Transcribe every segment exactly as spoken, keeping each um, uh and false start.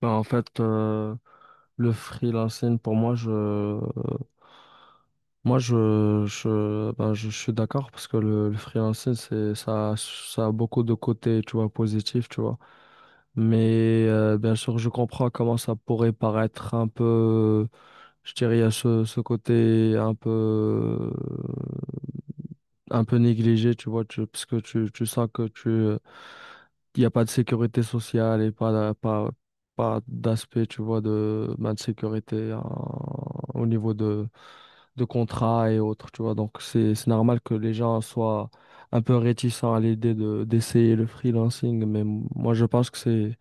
Ben, en fait, euh, le freelancing, pour moi, je, moi, je, je, ben, je, suis d'accord parce que le, le freelancing, c'est, ça, a- ça a beaucoup de côtés, tu vois, positifs, tu vois. Mais euh, bien sûr, je comprends comment ça pourrait paraître un peu, je dirais, il y a ce, ce côté un peu un peu négligé, tu vois, tu, parce que tu, tu sens que tu, euh, il n'y a pas de sécurité sociale et pas, d'a- pas, pas d'aspect, tu vois, de, ben, de sécurité en- au niveau de, de contrat et autres, tu vois. Donc, c'est, c'est normal que les gens soient un peu réticents à l'idée de, d'essayer le freelancing, mais moi, je pense que c'est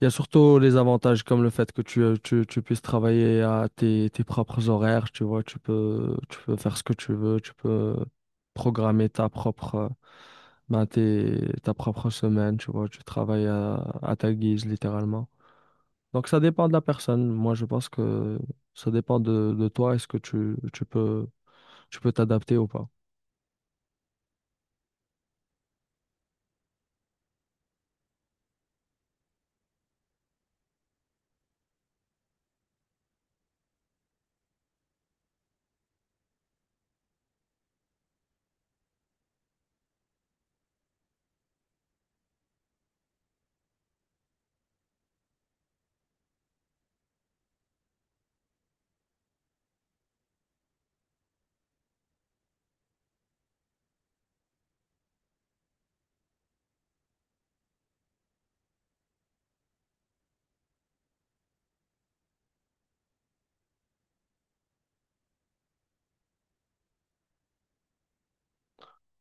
il y a surtout les avantages comme le fait que tu, euh, tu, tu puisses travailler à tes, tes propres horaires, tu vois, tu peux, tu peux faire ce que tu veux, tu peux programmer ta propre, euh, ben, tes- ta propre semaine, tu vois, tu travailles à, à ta guise, littéralement. Donc ça dépend de la personne. Moi, je pense que ça dépend de, de toi. Est-ce que tu, tu peux, tu peux t'adapter ou pas?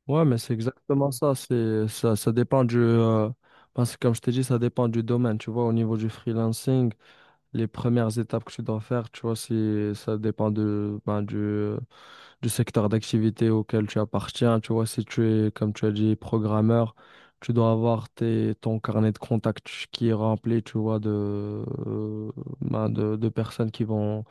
Ouais, mais c'est exactement ça. C'est, ça, ça dépend du, euh, parce que comme je t'ai dit, ça dépend du domaine, tu vois, au niveau du freelancing. Les premières étapes que tu dois faire, tu vois, si ça dépend de, ben, du, du secteur d'activité auquel tu appartiens. Tu vois, si tu es, comme tu as dit, programmeur, tu dois avoir tes, ton carnet de contacts qui est rempli, tu vois, de, euh, ben, de, de personnes qui vont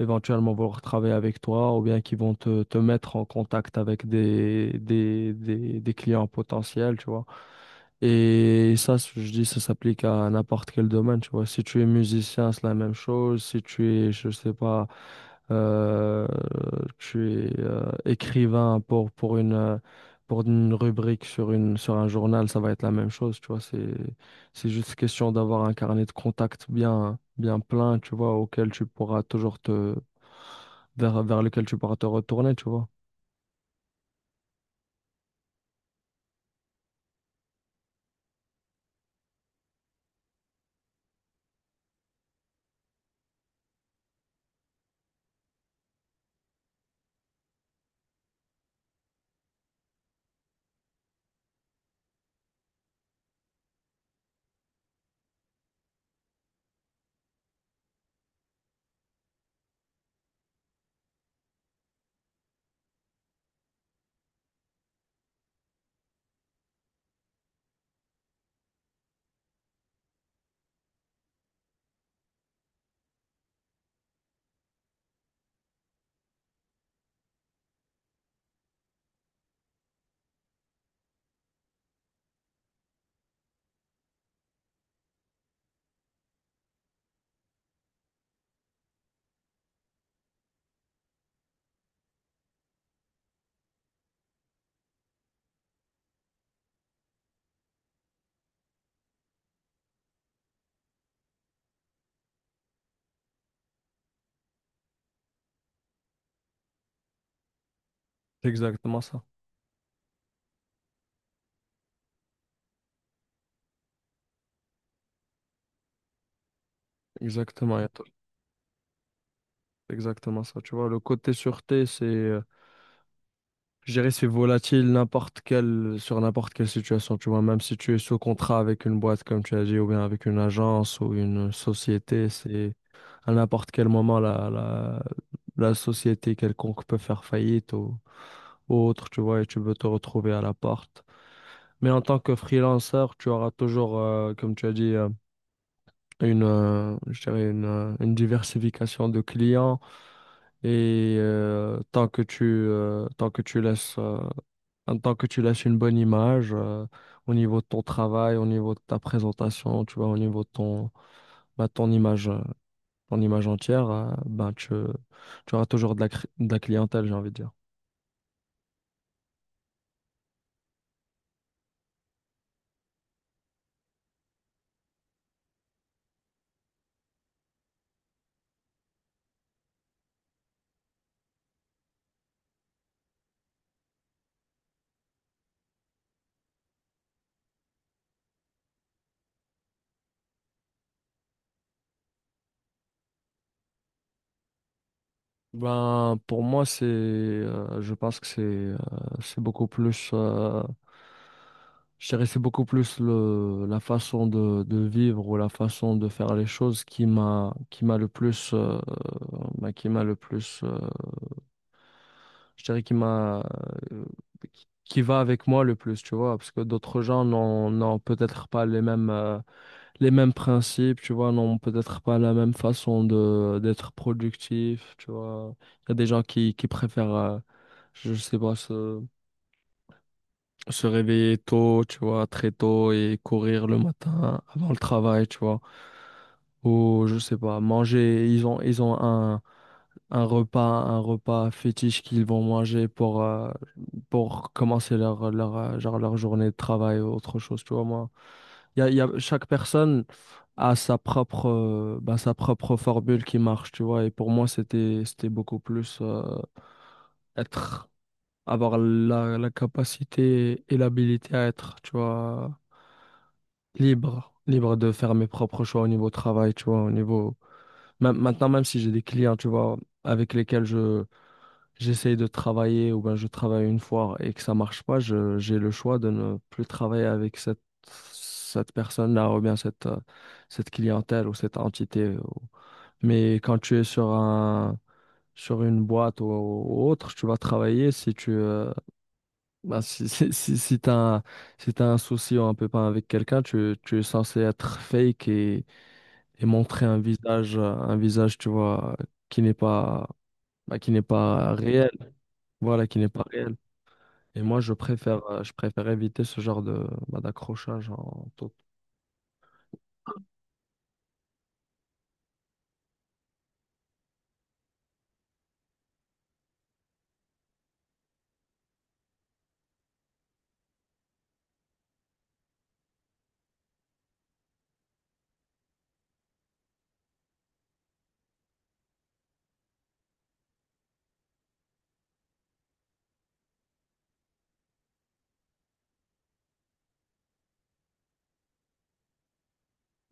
éventuellement vouloir travailler avec toi ou bien qui vont te, te mettre en contact avec des, des, des, des clients potentiels, tu vois. Et ça, je dis, ça s'applique à n'importe quel domaine, tu vois. Si tu es musicien, c'est la même chose. Si tu es, je sais pas, euh, tu es euh, écrivain pour, pour une, euh, pour une rubrique sur une, sur un journal, ça va être la même chose, tu vois. C'est, c'est juste question d'avoir un carnet de contacts bien, bien plein, tu vois, auquel tu pourras toujours te, vers, vers lequel tu pourras te retourner, tu vois. C'est exactement ça. Exactement, et toi, c'est exactement ça. Tu vois, le côté sûreté, c'est, euh, je dirais, c'est volatile n'importe quelle, sur n'importe quelle situation, tu vois. Même si tu es sous contrat avec une boîte, comme tu as dit, ou bien avec une agence ou une société, c'est à n'importe quel moment la, la, la société quelconque peut faire faillite ou ou autre, tu vois, et tu veux te retrouver à l'appart. Mais en tant que freelanceur, tu auras toujours, euh, comme tu as dit, euh, une, euh, je dirais une, euh, une diversification de clients. Et euh, tant que tu, euh, tant que tu laisses, euh, en tant que tu laisses une bonne image euh, au niveau de ton travail, au niveau de ta présentation, tu vois, au niveau de ton, bah, ton image, euh, ton image entière, euh, ben, tu, tu auras toujours de la, cri- de la clientèle, j'ai envie de dire. Ben, pour moi, c'est, euh, je pense que c'est, euh, c'est beaucoup plus, euh, je dirais, c'est beaucoup plus le, la façon de, de vivre ou la façon de faire les choses qui m'a, qui m'a le plus, euh, ben, qui m'a le plus, euh, je dirais, qui m'a, euh, qui qui va avec moi le plus, tu vois, parce que d'autres gens n'ont, n'ont peut-être pas les mêmes. Euh, les mêmes principes, tu vois, n'ont peut-être pas la même façon de d'être productif, tu vois. Il y a des gens qui, qui préfèrent, euh, je sais pas, se, se réveiller tôt, tu vois, très tôt et courir le matin avant le travail, tu vois. Ou, je sais pas, manger, ils ont, ils ont un, un repas, un repas fétiche qu'ils vont manger pour, euh, pour commencer leur, leur, euh, genre leur journée de travail ou autre chose, tu vois, moi. Il y a, il y a- chaque personne a sa propre, euh, bah, sa propre formule qui marche, tu vois. Et pour moi, c'était, c'était beaucoup plus euh, être, avoir la, la capacité et l'habilité à être, tu vois, libre, libre de faire mes propres choix au niveau travail, tu vois, au niveau... Même, maintenant, même si j'ai des clients, tu vois, avec lesquels je j'essaye de travailler ou ben je travaille une fois et que ça marche pas, je, j'ai le choix de ne plus travailler avec cette, cette personne-là ou bien cette, euh, cette clientèle ou cette entité. Ou- Mais quand tu es sur un, sur une boîte ou, ou autre, tu vas travailler si tu, euh, ben, si, si, si, si t'as un, si t'as un souci ou un pépin avec quelqu'un, tu, tu es censé être fake et, et montrer un visage, euh, un visage, tu vois, qui n'est pas, ben, qui n'est pas réel. Voilà, qui n'est pas réel. Et moi, je préfère, euh, je préfère éviter ce genre de, bah, d'accrochage en tout.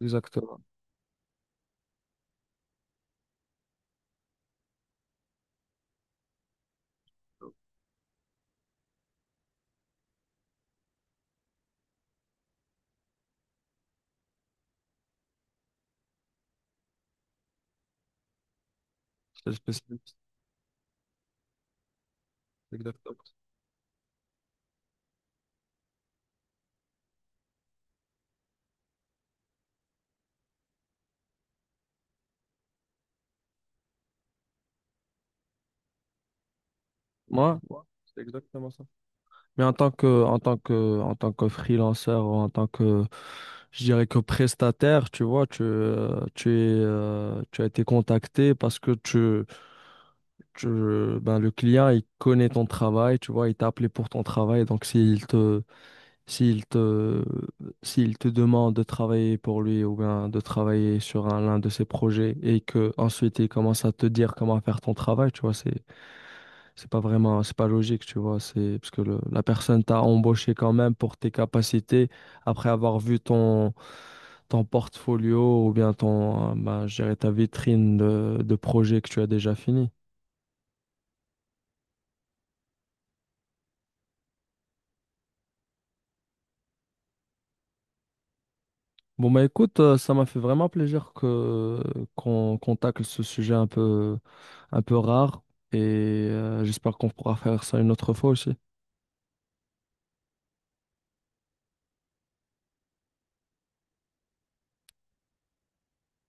Exactement. C'est le spécialiste. Exactement. Moi, moi, c'est exactement ça. Mais en tant que, en tant que, en tant que freelanceur ou en tant que, je dirais que prestataire, tu vois, tu, euh, tu es, euh, tu as été contacté parce que tu, tu, ben, le client, il connaît ton travail, tu vois, il t'a appelé pour ton travail. Donc, s'il te, S'il te, s'il te demande de travailler pour lui ou bien de travailler sur un, l'un de ses projets et que ensuite il commence à te dire comment faire ton travail, tu vois, c'est, c'est pas vraiment, c'est pas logique, tu vois, c'est parce que le- la personne t'a embauché quand même pour tes capacités après avoir vu ton, ton portfolio ou bien ton, euh, bah, je dirais ta vitrine de, de projets que tu as déjà fini. Bon, bah écoute, euh, ça m'a fait vraiment plaisir que, qu'on, qu'on tacle ce sujet un peu un peu rare. Et euh, j'espère qu'on pourra faire ça une autre fois aussi.